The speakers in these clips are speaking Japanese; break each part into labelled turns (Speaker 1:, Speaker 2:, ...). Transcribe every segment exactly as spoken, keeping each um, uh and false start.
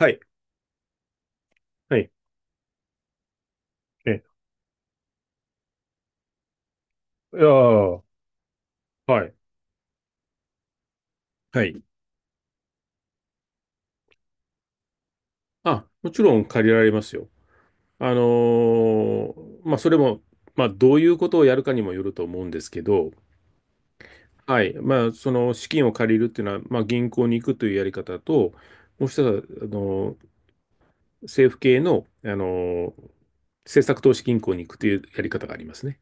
Speaker 1: はい、はい。え、いやーはい、はい。あ、もちろん借りられますよ。あのーまあ、それも、まあ、どういうことをやるかにもよると思うんですけど、はい。まあ、その資金を借りるっていうのは、まあ、銀行に行くというやり方と、もう一つは、あのー政府系の、あのー政策投資銀行に行くというやり方がありますね。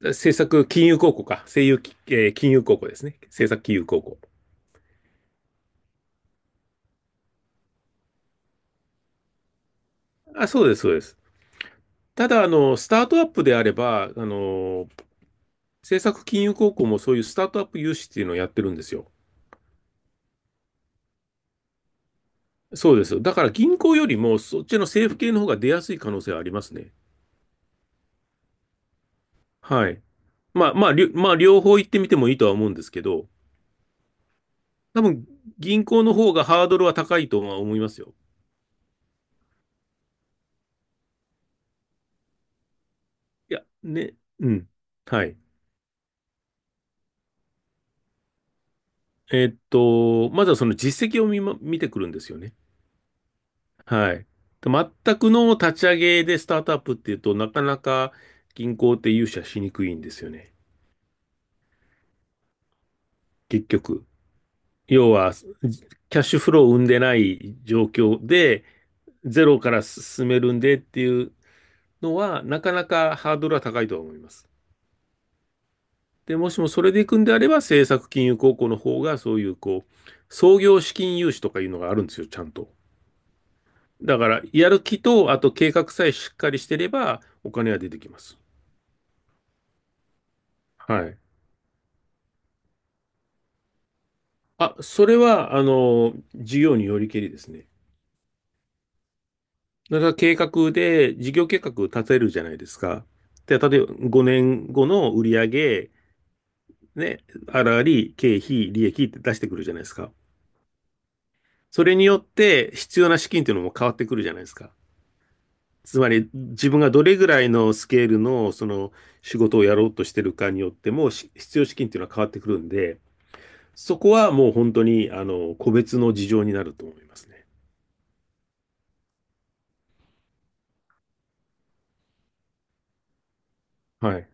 Speaker 1: 政策金融公庫か。政融、えー金融公庫ですね。政策金融公庫。あ、そうです、そうです。ただ、あの、スタートアップであれば、あの、政策金融高校もそういうスタートアップ融資っていうのをやってるんですよ。そうです。だから銀行よりもそっちの政府系の方が出やすい可能性はありますね。はい。まあまあ、りょまあ両方行ってみてもいいとは思うんですけど、多分銀行の方がハードルは高いとは思いますよ。いや、ね、うん。はい。えーっと、まずはその実績を見ま、見てくるんですよね。はい。全くの立ち上げでスタートアップっていうとなかなか銀行って融資はしにくいんですよね。結局。要は、キャッシュフローを生んでない状況で、ゼロから進めるんでっていうのは、なかなかハードルは高いと思います。で、もしもそれで行くんであれば、政策金融高校の方が、そういう、こう、創業資金融資とかいうのがあるんですよ、ちゃんと。だから、やる気と、あと計画さえしっかりしてれば、お金は出てきます。はい。あ、それは、あの、事業によりけりですね。だから計画で、事業計画立てるじゃないですか。で、例えばごねんごの売上、ね、あらり、経費、利益って出してくるじゃないですか。それによって必要な資金っていうのも変わってくるじゃないですか。つまり自分がどれぐらいのスケールのその仕事をやろうとしてるかによってもし必要資金っていうのは変わってくるんで、そこはもう本当にあの個別の事情になると思いますね。はい。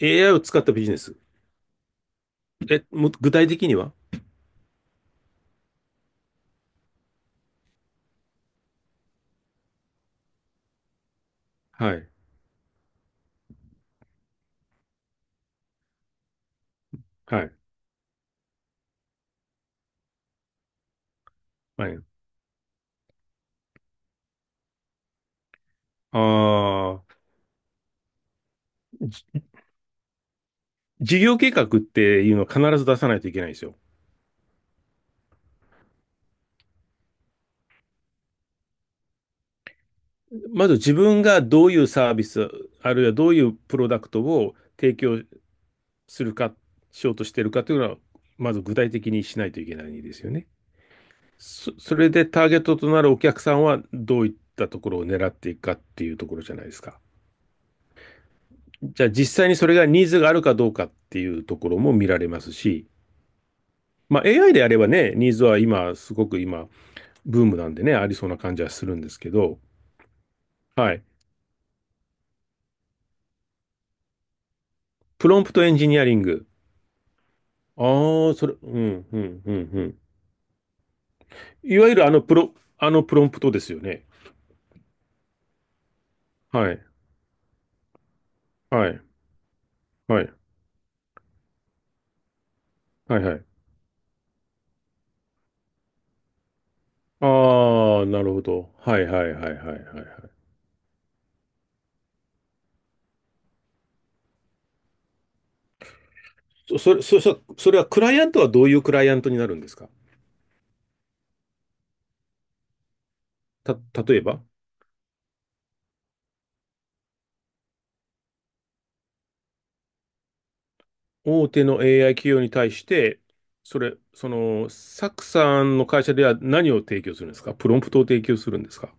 Speaker 1: エーアイ を使ったビジネス。え、も具体的には？はい。はい。はい。ああ、じ事業計画っていうのを必ず出さないといけないんですよ。まず自分がどういうサービス、あるいはどういうプロダクトを提供するか、しようとしてるかというのは、まず具体的にしないといけないですよね。そ、それでターゲットとなるお客さんはどういったところを狙っていくかっていうところじゃないですか。じゃあ実際にそれがニーズがあるかどうかっていうところも見られますし、まあ エーアイ であればね、ニーズは今、すごく今、ブームなんでね、ありそうな感じはするんですけど、はい。プロンプトエンジニアリング。ああ、それ、うん、うん、うん、うん。いわゆるあのプロ、あのプロンプトですよね。はい、はい、はい、はい、はい。ああ、なるほど。はい、はい、はい、はい、はい。はい。そ、それ、そ、そそれはクライアントはどういうクライアントになるんですか？た、例えば、大手の エーアイ 企業に対して、それ、その、サクさんの会社では何を提供するんですか？プロンプトを提供するんですか？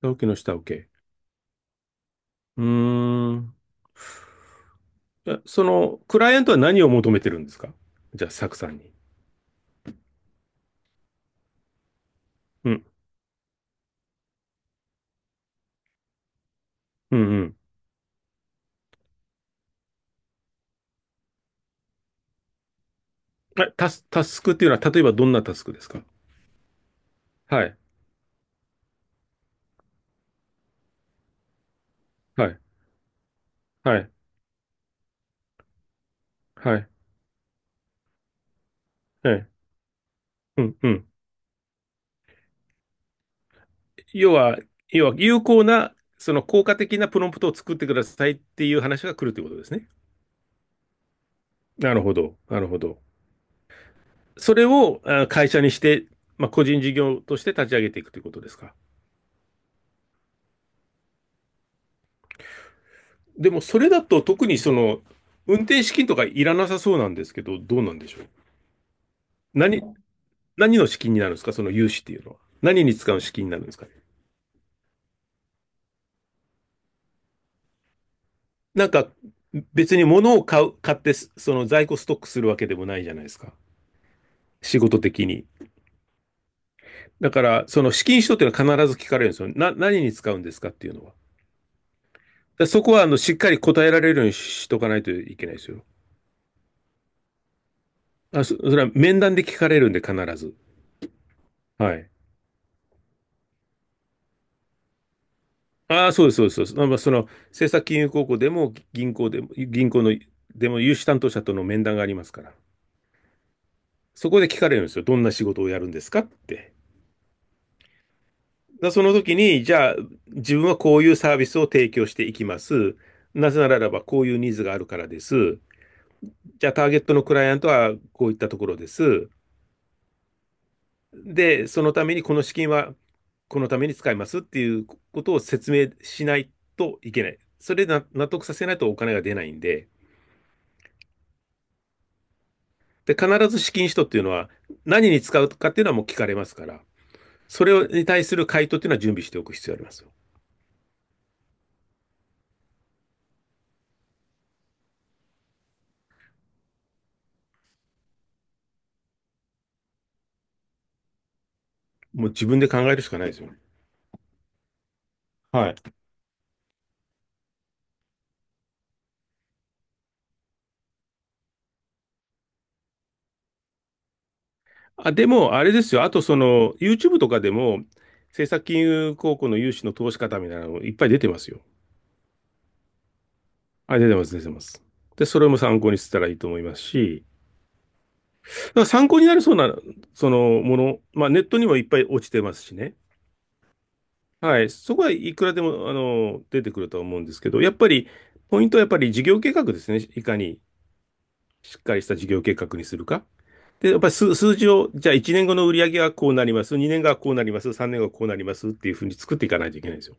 Speaker 1: 下請けの下請け。うーん、え、その、クライアントは何を求めてるんですか？じゃあ、サクさんに。うん。うんうん。え、タス、タスクっていうのは、例えばどんなタスクですか？はい。はい。はい。はい。はい。うん。うん。要は、要は、有効な、その効果的なプロンプトを作ってくださいっていう話が来るということですね。なるほど。なるほど。それをあ会社にして、まあ、個人事業として立ち上げていくということですか？でも、それだと特にその、運転資金とかいらなさそうなんですけど、どうなんでしょう。何、何の資金になるんですかその融資っていうのは。何に使う資金になるんですかね？なんか、別に物を買う、買って、その在庫ストックするわけでもないじゃないですか。仕事的に。だから、その資金使途っていうのは必ず聞かれるんですよ。な、何に使うんですかっていうのは。だそこは、あの、しっかり答えられるようにしとかないといけないですよ。あ、そ、それは面談で聞かれるんで、必ず。はい。ああ、そうです、そうです、そうです。まあ、その、政策金融高校でも、銀行でも、銀行の、でも、融資担当者との面談がありますから。そこで聞かれるんですよ。どんな仕事をやるんですかって。だその時に、じゃあ、自分はこういうサービスを提供していきます。なぜならば、こういうニーズがあるからです。じゃあ、ターゲットのクライアントはこういったところです。で、そのためにこの資金はこのために使いますっていうことを説明しないといけない。それでな納得させないとお金が出ないんで、で、必ず資金使途っていうのは何に使うかっていうのはもう聞かれますから、それに対する回答っていうのは準備しておく必要があります。もう自分で考えるしかないですよね。はい。あ、でも、あれですよ。あと、その、YouTube とかでも、政策金融高校の融資の投資方みたいなのいっぱい出てますよ。あ、出てます、出てます。で、それも参考にしたらいいと思いますし、だから参考になりそうな、そのもの、まあ、ネットにもいっぱい落ちてますしね。はい。そこはいくらでも、あの、出てくるとは思うんですけど、やっぱり、ポイントはやっぱり事業計画ですね。いかにしっかりした事業計画にするか。で、やっぱり数、数字を、じゃあいちねんごの売り上げはこうなります、にねんごはこうなります、さんねんごはこうなりますっていうふうに作っていかないといけないんですよ。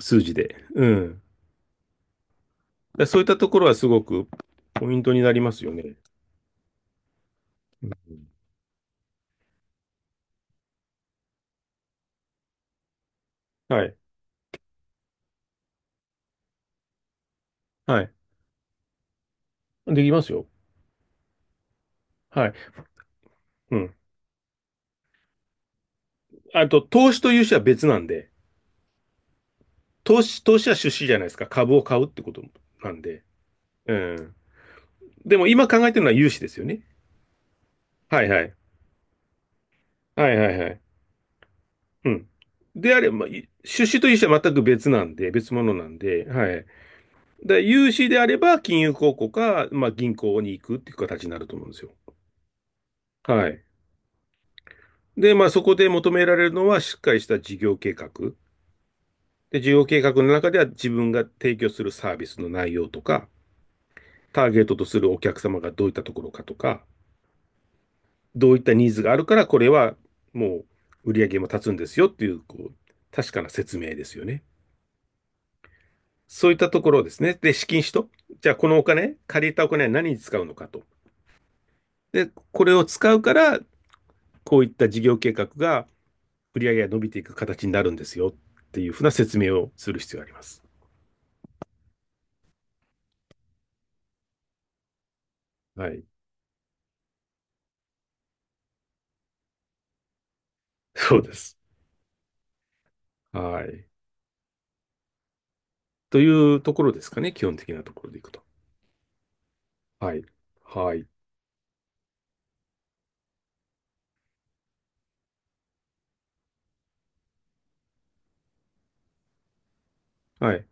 Speaker 1: 数字で。うん。でそういったところはすごくポイントになりますよね。うん、はい。はい。できますよ。はい。うん。あと、投資と融資は別なんで、投資、投資は出資じゃないですか。株を買うってことなんで。うん。でも今考えてるのは融資ですよね。はいはい。はいはいはい。うん。であれば、ま出資と融資は全く別なんで、別物なんで、はい。で、融資であれば金融公庫か、まあ、銀行に行くっていう形になると思うんですよ。はい。で、まあ、そこで求められるのはしっかりした事業計画。で、事業計画の中では自分が提供するサービスの内容とか、ターゲットとするお客様がどういったところかとか、どういったニーズがあるから、これはもう売り上げも立つんですよっていう、こう、確かな説明ですよね。そういったところですね。で、資金使途。じゃあ、このお金、借りたお金は何に使うのかと。で、これを使うから、こういった事業計画が売上が伸びていく形になるんですよっていうふうな説明をする必要があります。はい。そうです。はい。というところですかね、基本的なところでいくと。はい。はい。はい。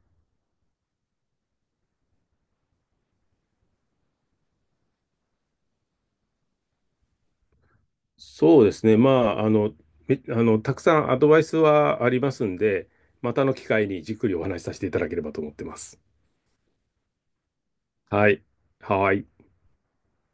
Speaker 1: そうですね。まあ、あの、めあの、たくさんアドバイスはありますんで、またの機会にじっくりお話しさせていただければと思ってます。はい。はい。